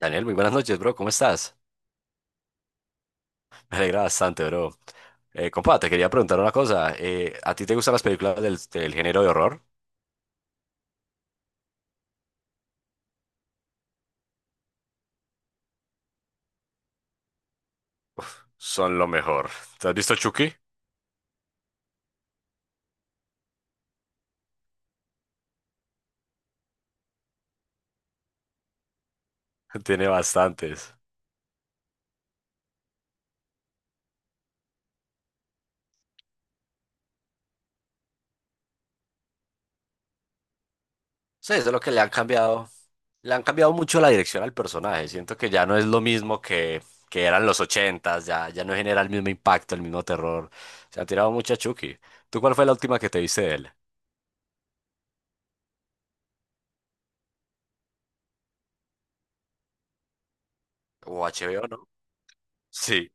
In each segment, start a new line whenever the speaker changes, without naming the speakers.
Daniel, muy buenas noches, bro. ¿Cómo estás? Me alegra bastante, bro. Compa, te quería preguntar una cosa. ¿A ti te gustan las películas del género de horror? Son lo mejor. ¿Te has visto Chucky? Tiene bastantes. Sí, eso es lo que le han cambiado. Le han cambiado mucho la dirección al personaje. Siento que ya no es lo mismo que eran los ochentas. Ya no genera el mismo impacto, el mismo terror. Se han tirado mucho a Chucky. ¿Tú cuál fue la última que te viste de él? O HBO, ¿no? Sí.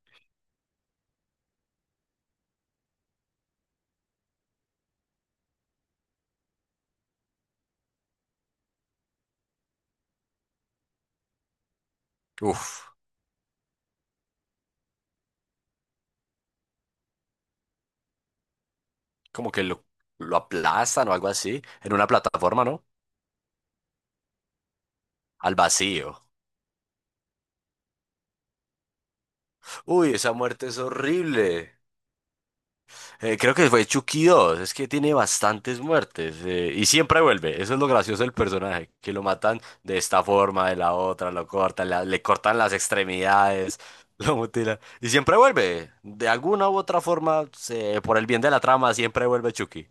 Uf. Como que lo aplastan o algo así, en una plataforma, ¿no? Al vacío. Uy, esa muerte es horrible. Creo que fue Chucky 2, es que tiene bastantes muertes y siempre vuelve. Eso es lo gracioso del personaje, que lo matan de esta forma, de la otra, lo cortan, le cortan las extremidades, lo mutilan y siempre vuelve, de alguna u otra forma, por el bien de la trama, siempre vuelve Chucky.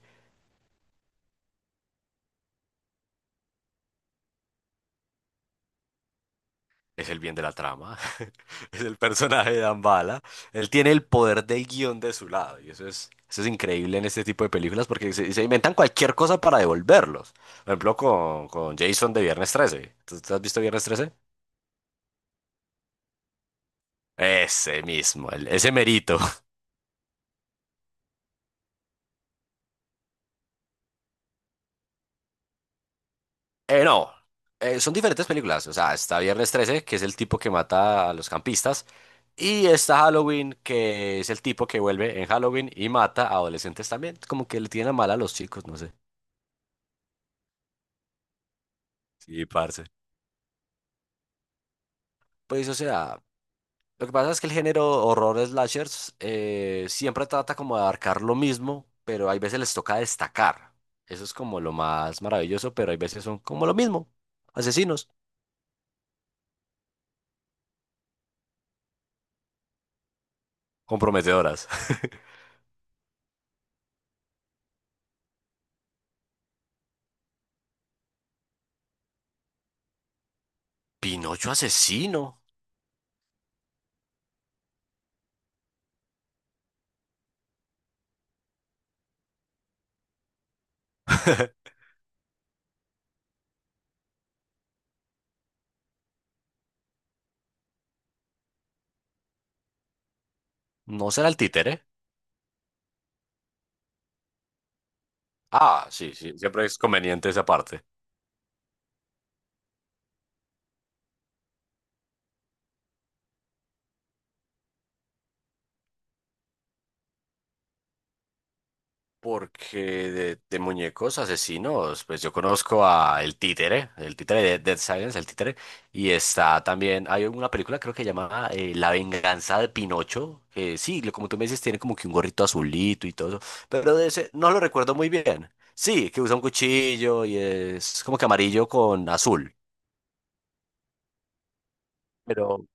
Es el bien de la trama, es el personaje de Dambala. Él tiene el poder del guión de su lado y eso es increíble en este tipo de películas porque se inventan cualquier cosa para devolverlos. Por ejemplo, con Jason de Viernes 13. ¿Tú has visto Viernes 13? Ese mismo, ese merito. No, son diferentes películas. O sea, está Viernes 13, que es el tipo que mata a los campistas, y está Halloween, que es el tipo que vuelve en Halloween y mata a adolescentes también. Como que le tiene a mal a los chicos, no sé. Sí, parce. Pues, o sea, lo que pasa es que el género horror slashers siempre trata como de abarcar lo mismo, pero hay veces les toca destacar. Eso es como lo más maravilloso, pero hay veces son como lo mismo. Asesinos. Comprometedoras. Pinocho asesino. ¿No será el títere? Ah, sí, sí, siempre es conveniente esa parte. Porque de muñecos asesinos, pues yo conozco a el Títere de Dead Silence, el Títere, y está también, hay una película creo que se llama La Venganza de Pinocho, que sí, como tú me dices, tiene como que un gorrito azulito y todo eso, pero de ese no lo recuerdo muy bien. Sí, que usa un cuchillo y es como que amarillo con azul. Pero,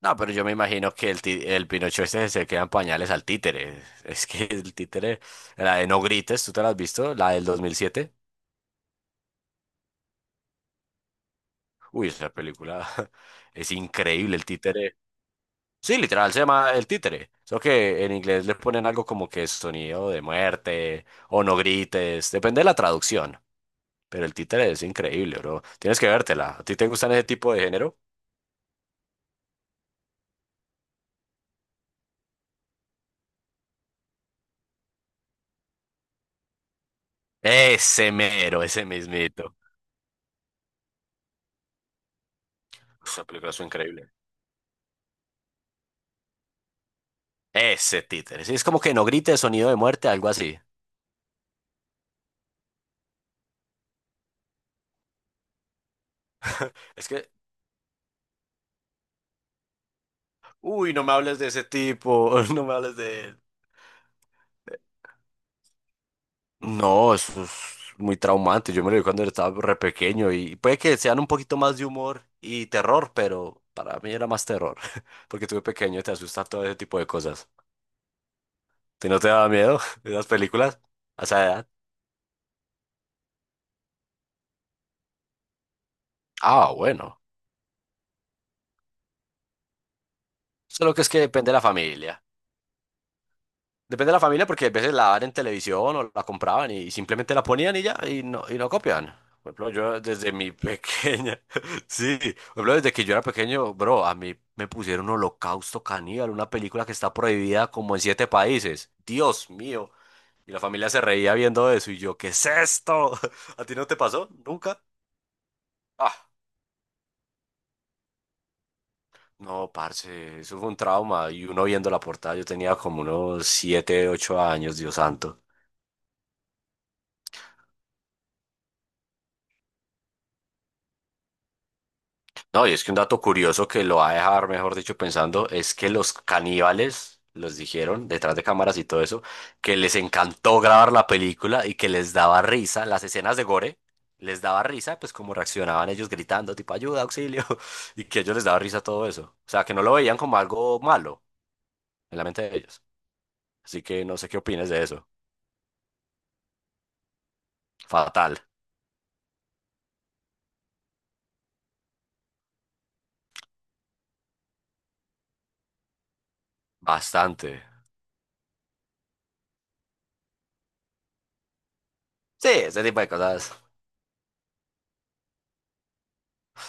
no, pero yo me imagino que el Pinocho este se queda en pañales al títere. Es que el títere, la de No Grites, ¿tú te la has visto? La del 2007. Uy, esa película es increíble, el títere. Sí, literal, se llama El Títere. Solo que en inglés le ponen algo como que sonido de muerte o no grites, depende de la traducción. Pero El Títere es increíble, bro. Tienes que vértela. ¿A ti te gustan ese tipo de género? Ese mero, ese mismito. Esa película es increíble. Ese títere. Sí, es como que no grites sonido de muerte, algo así. Es que, uy, no me hables de ese tipo, no me hables de. No, eso es muy traumante. Yo me lo vi cuando estaba re pequeño y puede que sean un poquito más de humor y terror, pero para mí era más terror, porque tuve de pequeño, te asusta todo ese tipo de cosas. ¿Te no te daba miedo esas películas a esa edad? Ah, bueno. Solo que es que depende de la familia. Depende de la familia porque a veces la dan en televisión o la compraban y simplemente la ponían y ya y no copian. Por ejemplo, yo desde mi pequeña, sí, por ejemplo, desde que yo era pequeño, bro, a mí me pusieron Holocausto Caníbal, una película que está prohibida como en siete países. Dios mío. Y la familia se reía viendo eso y yo, ¿qué es esto? ¿A ti no te pasó? ¿Nunca? Ah, no, parce, eso fue un trauma. Y uno viendo la portada, yo tenía como unos 7, 8 años. Dios santo. No, y es que un dato curioso que lo va a dejar, mejor dicho, pensando, es que los caníbales los dijeron detrás de cámaras y todo eso, que les encantó grabar la película y que les daba risa las escenas de gore, les daba risa, pues como reaccionaban ellos gritando, tipo ayuda, auxilio, y que ellos les daba risa todo eso. O sea, que no lo veían como algo malo en la mente de ellos. Así que no sé qué opinas de eso. Fatal. Bastante. Sí, ese tipo de cosas.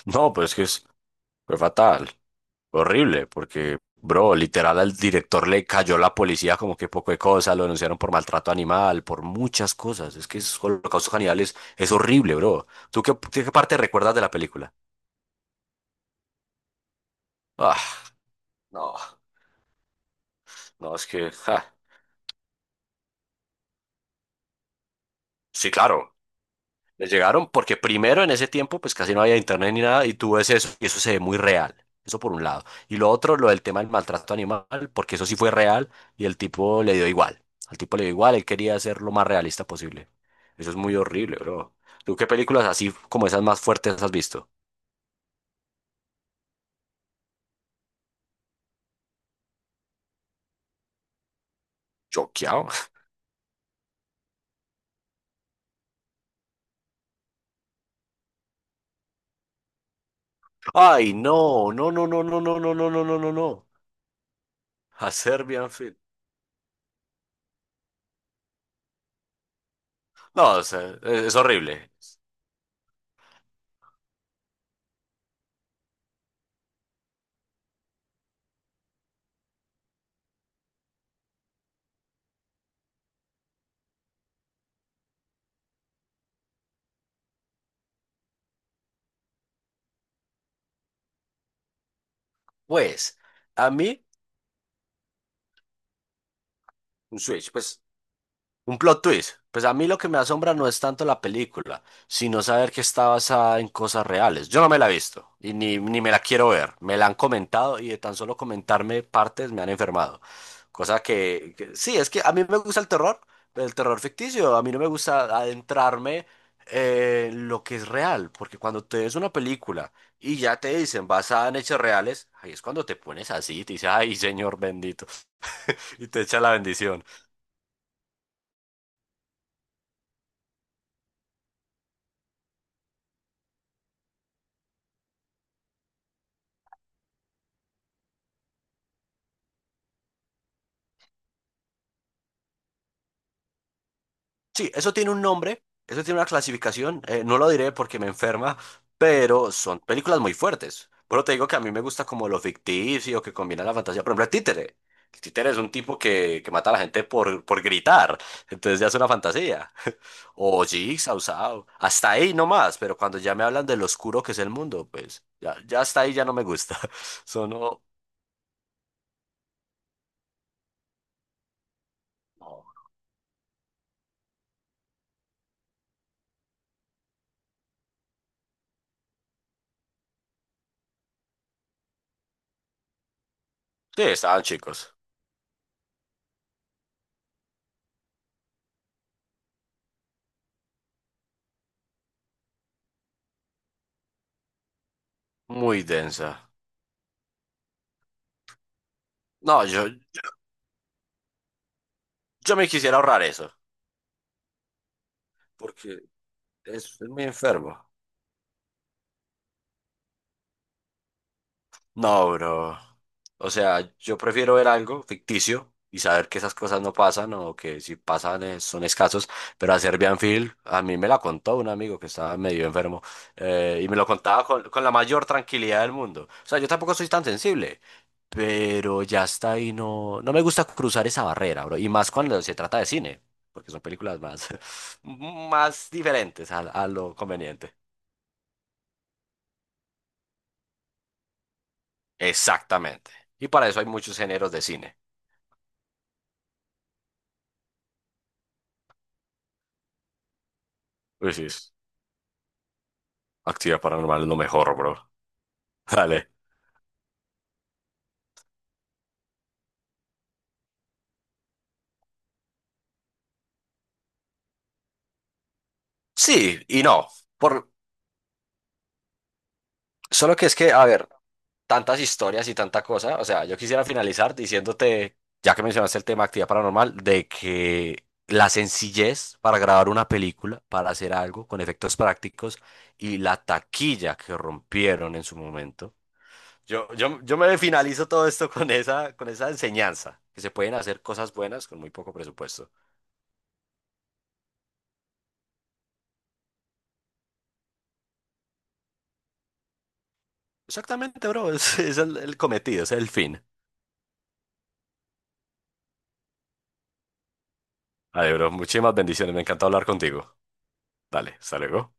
No, pues es que es fue fatal. Horrible, porque, bro, literal al director le cayó la policía como que poco de cosa, lo denunciaron por maltrato animal, por muchas cosas. Es que es Holocausto Caníbal es horrible, bro. ¿Tú qué parte recuerdas de la película? Ah, no, no, es que, ja. Sí, claro. Les llegaron porque primero en ese tiempo pues casi no había internet ni nada y tú ves eso y eso se ve muy real. Eso por un lado. Y lo otro, lo del tema del maltrato animal, porque eso sí fue real y el tipo le dio igual. Al tipo le dio igual, él quería ser lo más realista posible. Eso es muy horrible, bro. ¿Tú qué películas así como esas más fuertes has visto? Choqueado. Ay, no, no, no, no, no, no, no, no, no, no, no, no. A Serbian Film. No, o sea, es horrible. Pues, a mí, un switch, pues un plot twist. Pues a mí lo que me asombra no es tanto la película, sino saber que está basada en cosas reales. Yo no me la he visto y ni me la quiero ver. Me la han comentado y de tan solo comentarme partes me han enfermado. Cosa que, sí, es que a mí me gusta el terror ficticio. A mí no me gusta adentrarme en lo que es real, porque cuando te ves una película y ya te dicen basada en hechos reales, ahí es cuando te pones así y te dices, ay, señor bendito, y te echa la bendición. Sí, eso tiene un nombre, eso tiene una clasificación, no lo diré porque me enferma, pero son películas muy fuertes. Pero te digo que a mí me gusta como lo ficticio que combina la fantasía. Por ejemplo, el títere. El títere es un tipo que mata a la gente por gritar, entonces ya es una fantasía. O Jigsaw, Saw, hasta ahí nomás, pero cuando ya me hablan de lo oscuro que es el mundo, pues ya hasta ahí ya no me gusta. Son, oh, no. Sí, estaban chicos, muy densa. No, yo me quisiera ahorrar eso. Porque. Es muy enfermo. No, bro. O sea, yo prefiero ver algo ficticio y saber que esas cosas no pasan o que si pasan son escasos. Pero a Serbian Film, a mí me la contó un amigo que estaba medio enfermo y me lo contaba con la mayor tranquilidad del mundo. O sea, yo tampoco soy tan sensible, pero ya está ahí. No, no me gusta cruzar esa barrera, bro. Y más cuando se trata de cine, porque son películas más, más diferentes a lo conveniente. Exactamente. Y para eso hay muchos géneros de cine. Uy, sí, actividad paranormal es lo mejor, bro. Dale. Sí, y no. Por. Solo que es que, a ver, tantas historias y tanta cosa. O sea, yo quisiera finalizar diciéndote, ya que mencionaste el tema actividad paranormal, de que la sencillez para grabar una película, para hacer algo con efectos prácticos y la taquilla que rompieron en su momento. Yo me finalizo todo esto con esa enseñanza, que se pueden hacer cosas buenas con muy poco presupuesto. Exactamente, bro, es el cometido, es el fin. Vale, bro, muchísimas bendiciones, me encanta hablar contigo. Dale, hasta luego.